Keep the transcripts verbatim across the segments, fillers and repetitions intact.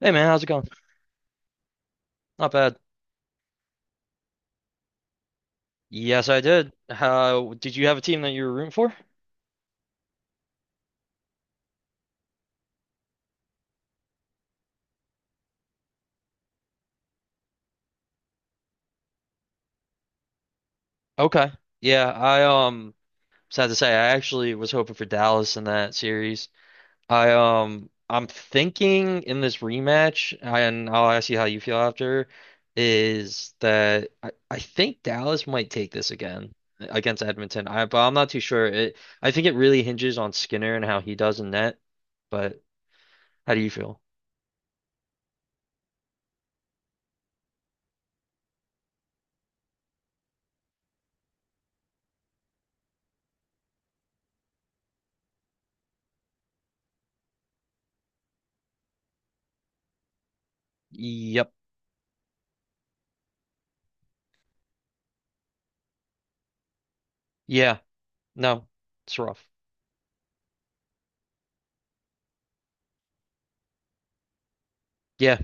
Hey man, how's it going? Not bad. Yes, I did. How did you have a team that you were rooting for? Okay. Yeah, I um Sad to say, I actually was hoping for Dallas in that series. I um I'm thinking in this rematch, and I'll ask you how you feel after, is that I, I think Dallas might take this again against Edmonton. I but I'm not too sure. It I think it really hinges on Skinner and how he does in net. But how do you feel? Yep. Yeah. No. It's rough. Yeah,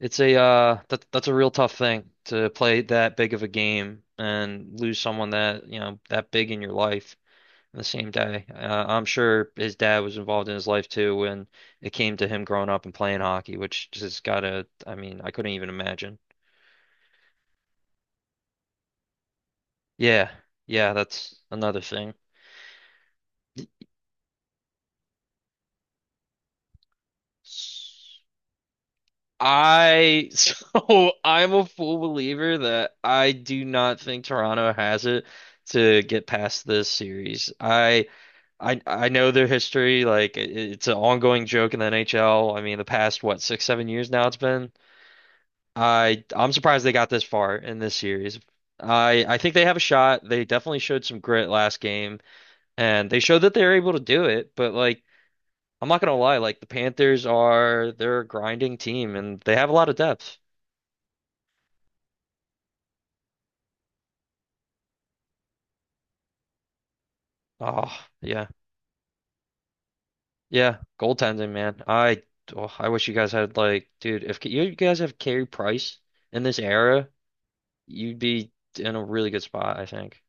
it's a uh that that's a real tough thing to play that big of a game and lose someone that, you know, that big in your life in the same day. Uh, I'm sure his dad was involved in his life too when it came to him growing up and playing hockey, which just gotta, I mean, I couldn't even imagine. Yeah. Yeah, that's another thing. I so I'm a full believer that I do not think Toronto has it to get past this series. I I I know their history. Like it, it's an ongoing joke in the N H L. I mean, the past what six seven years now it's been. I I'm surprised they got this far in this series. I I think they have a shot. They definitely showed some grit last game, and they showed that they were able to do it. But like I'm not gonna lie, like the Panthers are they're a grinding team and they have a lot of depth. Oh yeah, yeah, goaltending man. I oh, I wish you guys had like dude if you guys have Carey Price in this era. You'd be in a really good spot, I think.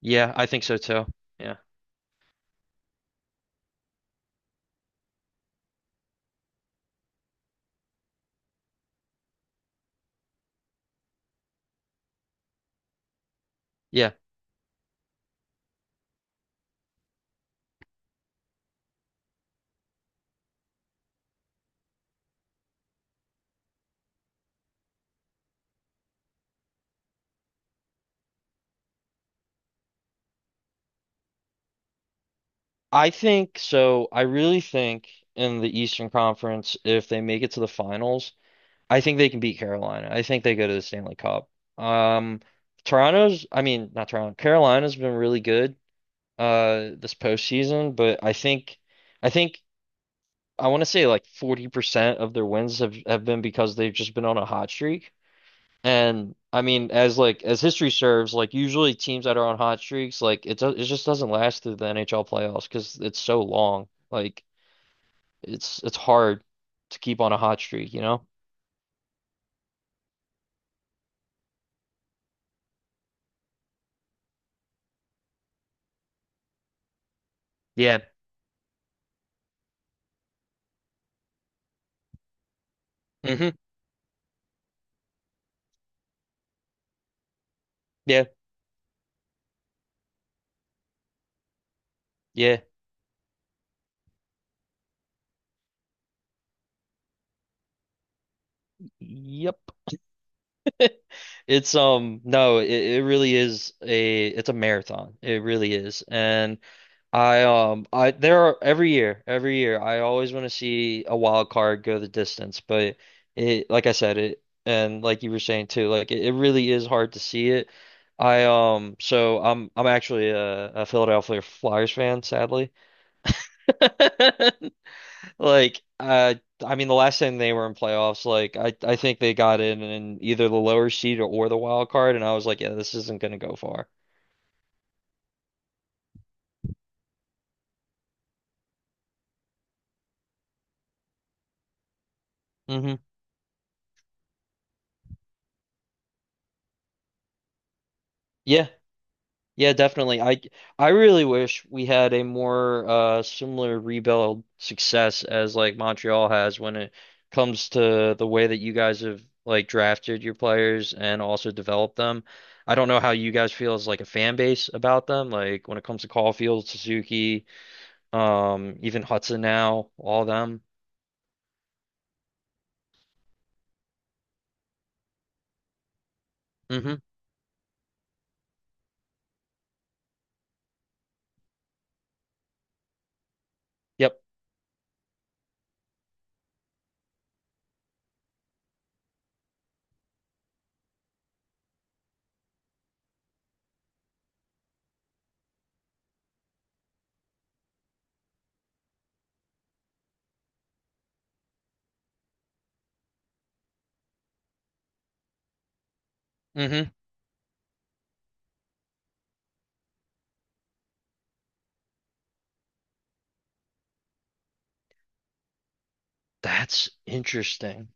Yeah, I think so too. Yeah. Yeah. I think so. I really think in the Eastern Conference, if they make it to the finals, I think they can beat Carolina. I think they go to the Stanley Cup. Um, Toronto's, I mean, not Toronto, Carolina's been really good uh this postseason, but I think I think I want to say like forty percent of their wins have, have been because they've just been on a hot streak. And I mean, as like as history serves, like usually teams that are on hot streaks, like it do it just doesn't last through the N H L playoffs because it's so long. Like it's it's hard to keep on a hot streak, you know? Yeah. Hmm. Yeah. Yeah. Yep. It's um no, it, it really is a it's a marathon. It really is. And I um I there are every year, every year I always want to see a wild card go the distance, but it like I said it and like you were saying too, like it, it really is hard to see it. I um so I'm I'm actually a, a Philadelphia Flyers fan, sadly. Like uh I mean the last time they were in playoffs, like I I think they got in in either the lower seed or, or the wild card and I was like, yeah, this isn't gonna go far. Hmm. Yeah. Yeah, definitely. I I really wish we had a more uh similar rebuild success as like Montreal has when it comes to the way that you guys have like drafted your players and also developed them. I don't know how you guys feel as like a fan base about them, like when it comes to Caulfield, Suzuki, um, even Hudson now, all them. Mm-hmm. Yep. Mm-hmm. That's interesting.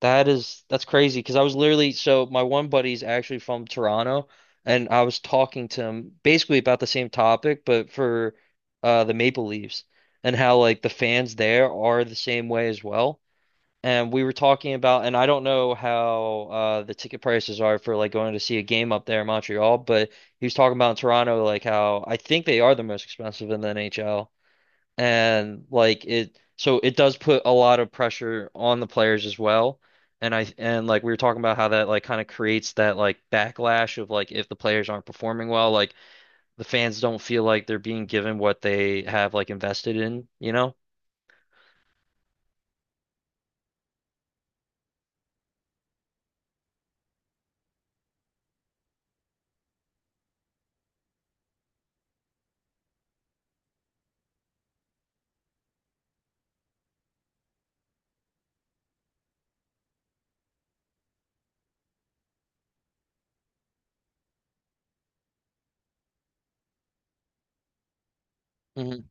That is that's crazy because I was literally so my one buddy's actually from Toronto and I was talking to him basically about the same topic but for uh the Maple Leafs and how like the fans there are the same way as well. And we were talking about and I don't know how uh the ticket prices are for like going to see a game up there in Montreal, but he was talking about in Toronto like how I think they are the most expensive in the N H L and like it so it does put a lot of pressure on the players as well and I and like we were talking about how that like kind of creates that like backlash of like if the players aren't performing well like the fans don't feel like they're being given what they have like invested in, you know. Hmm.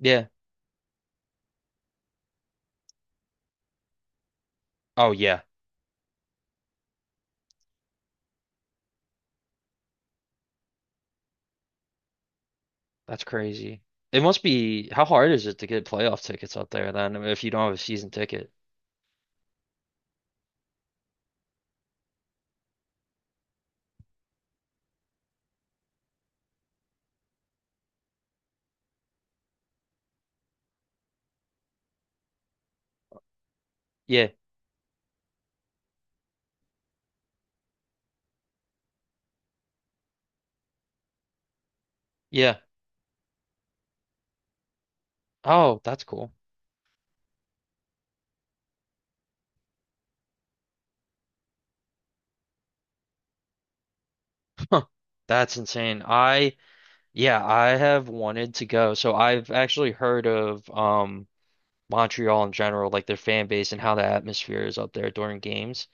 Yeah. Oh yeah. That's crazy. It must be how hard is it to get playoff tickets up there then if you don't have a season ticket. Yeah. Yeah. Oh, that's cool. Huh. That's insane. I yeah, I have wanted to go. So I've actually heard of um Montreal in general, like their fan base and how the atmosphere is up there during games,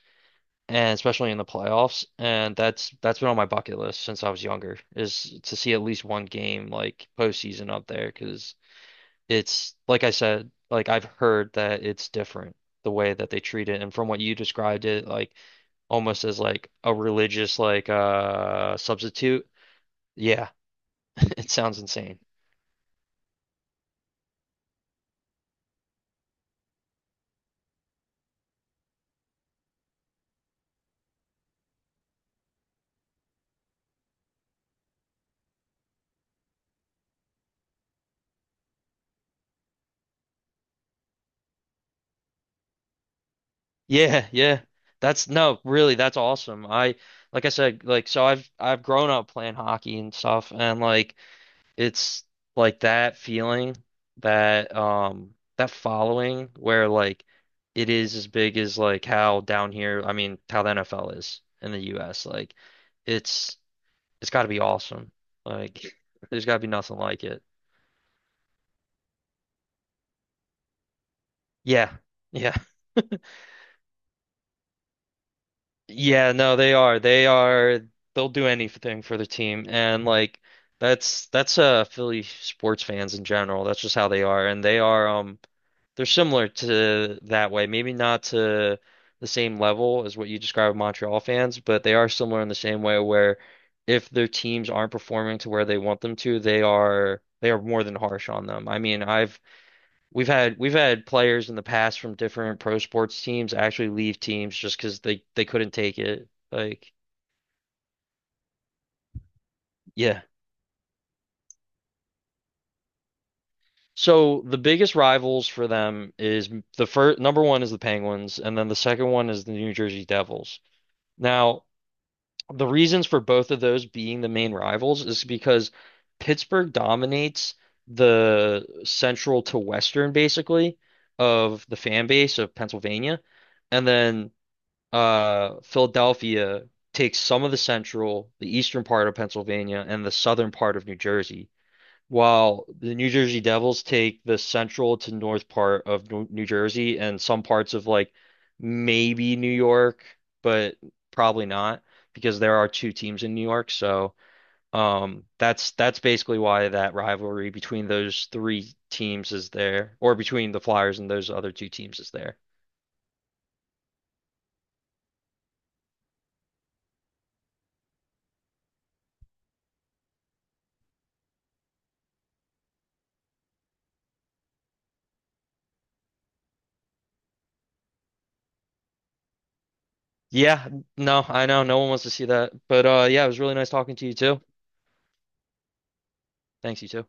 and especially in the playoffs. And that's that's been on my bucket list since I was younger, is to see at least one game like postseason up there, because it's like I said, like I've heard that it's different the way that they treat it, and from what you described it, like almost as like a religious like uh substitute. Yeah, it sounds insane. Yeah, yeah. That's no, really, that's awesome. I like I said, like so I've I've grown up playing hockey and stuff and like it's like that feeling that um that following where like it is as big as like how down here, I mean, how the N F L is in the U S. Like it's it's got to be awesome. Like there's got to be nothing like it. Yeah. Yeah. Yeah, no, they are. They are they'll do anything for the team and like that's that's uh Philly sports fans in general. That's just how they are and they are um they're similar to that way. Maybe not to the same level as what you describe Montreal fans, but they are similar in the same way where if their teams aren't performing to where they want them to, they are they are more than harsh on them. I mean, I've We've had we've had players in the past from different pro sports teams actually leave teams just because they they couldn't take it. Like, yeah. So the biggest rivals for them is the first number one is the Penguins, and then the second one is the New Jersey Devils. Now, the reasons for both of those being the main rivals is because Pittsburgh dominates the central to western basically of the fan base of Pennsylvania. And then uh, Philadelphia takes some of the central, the eastern part of Pennsylvania, and the southern part of New Jersey, while the New Jersey Devils take the central to north part of New New Jersey and some parts of like maybe New York, but probably not because there are two teams in New York. So um, that's that's basically why that rivalry between those three teams is there, or between the Flyers and those other two teams is there. Yeah, no, I know. No one wants to see that. But uh yeah, it was really nice talking to you too. Thanks, you too.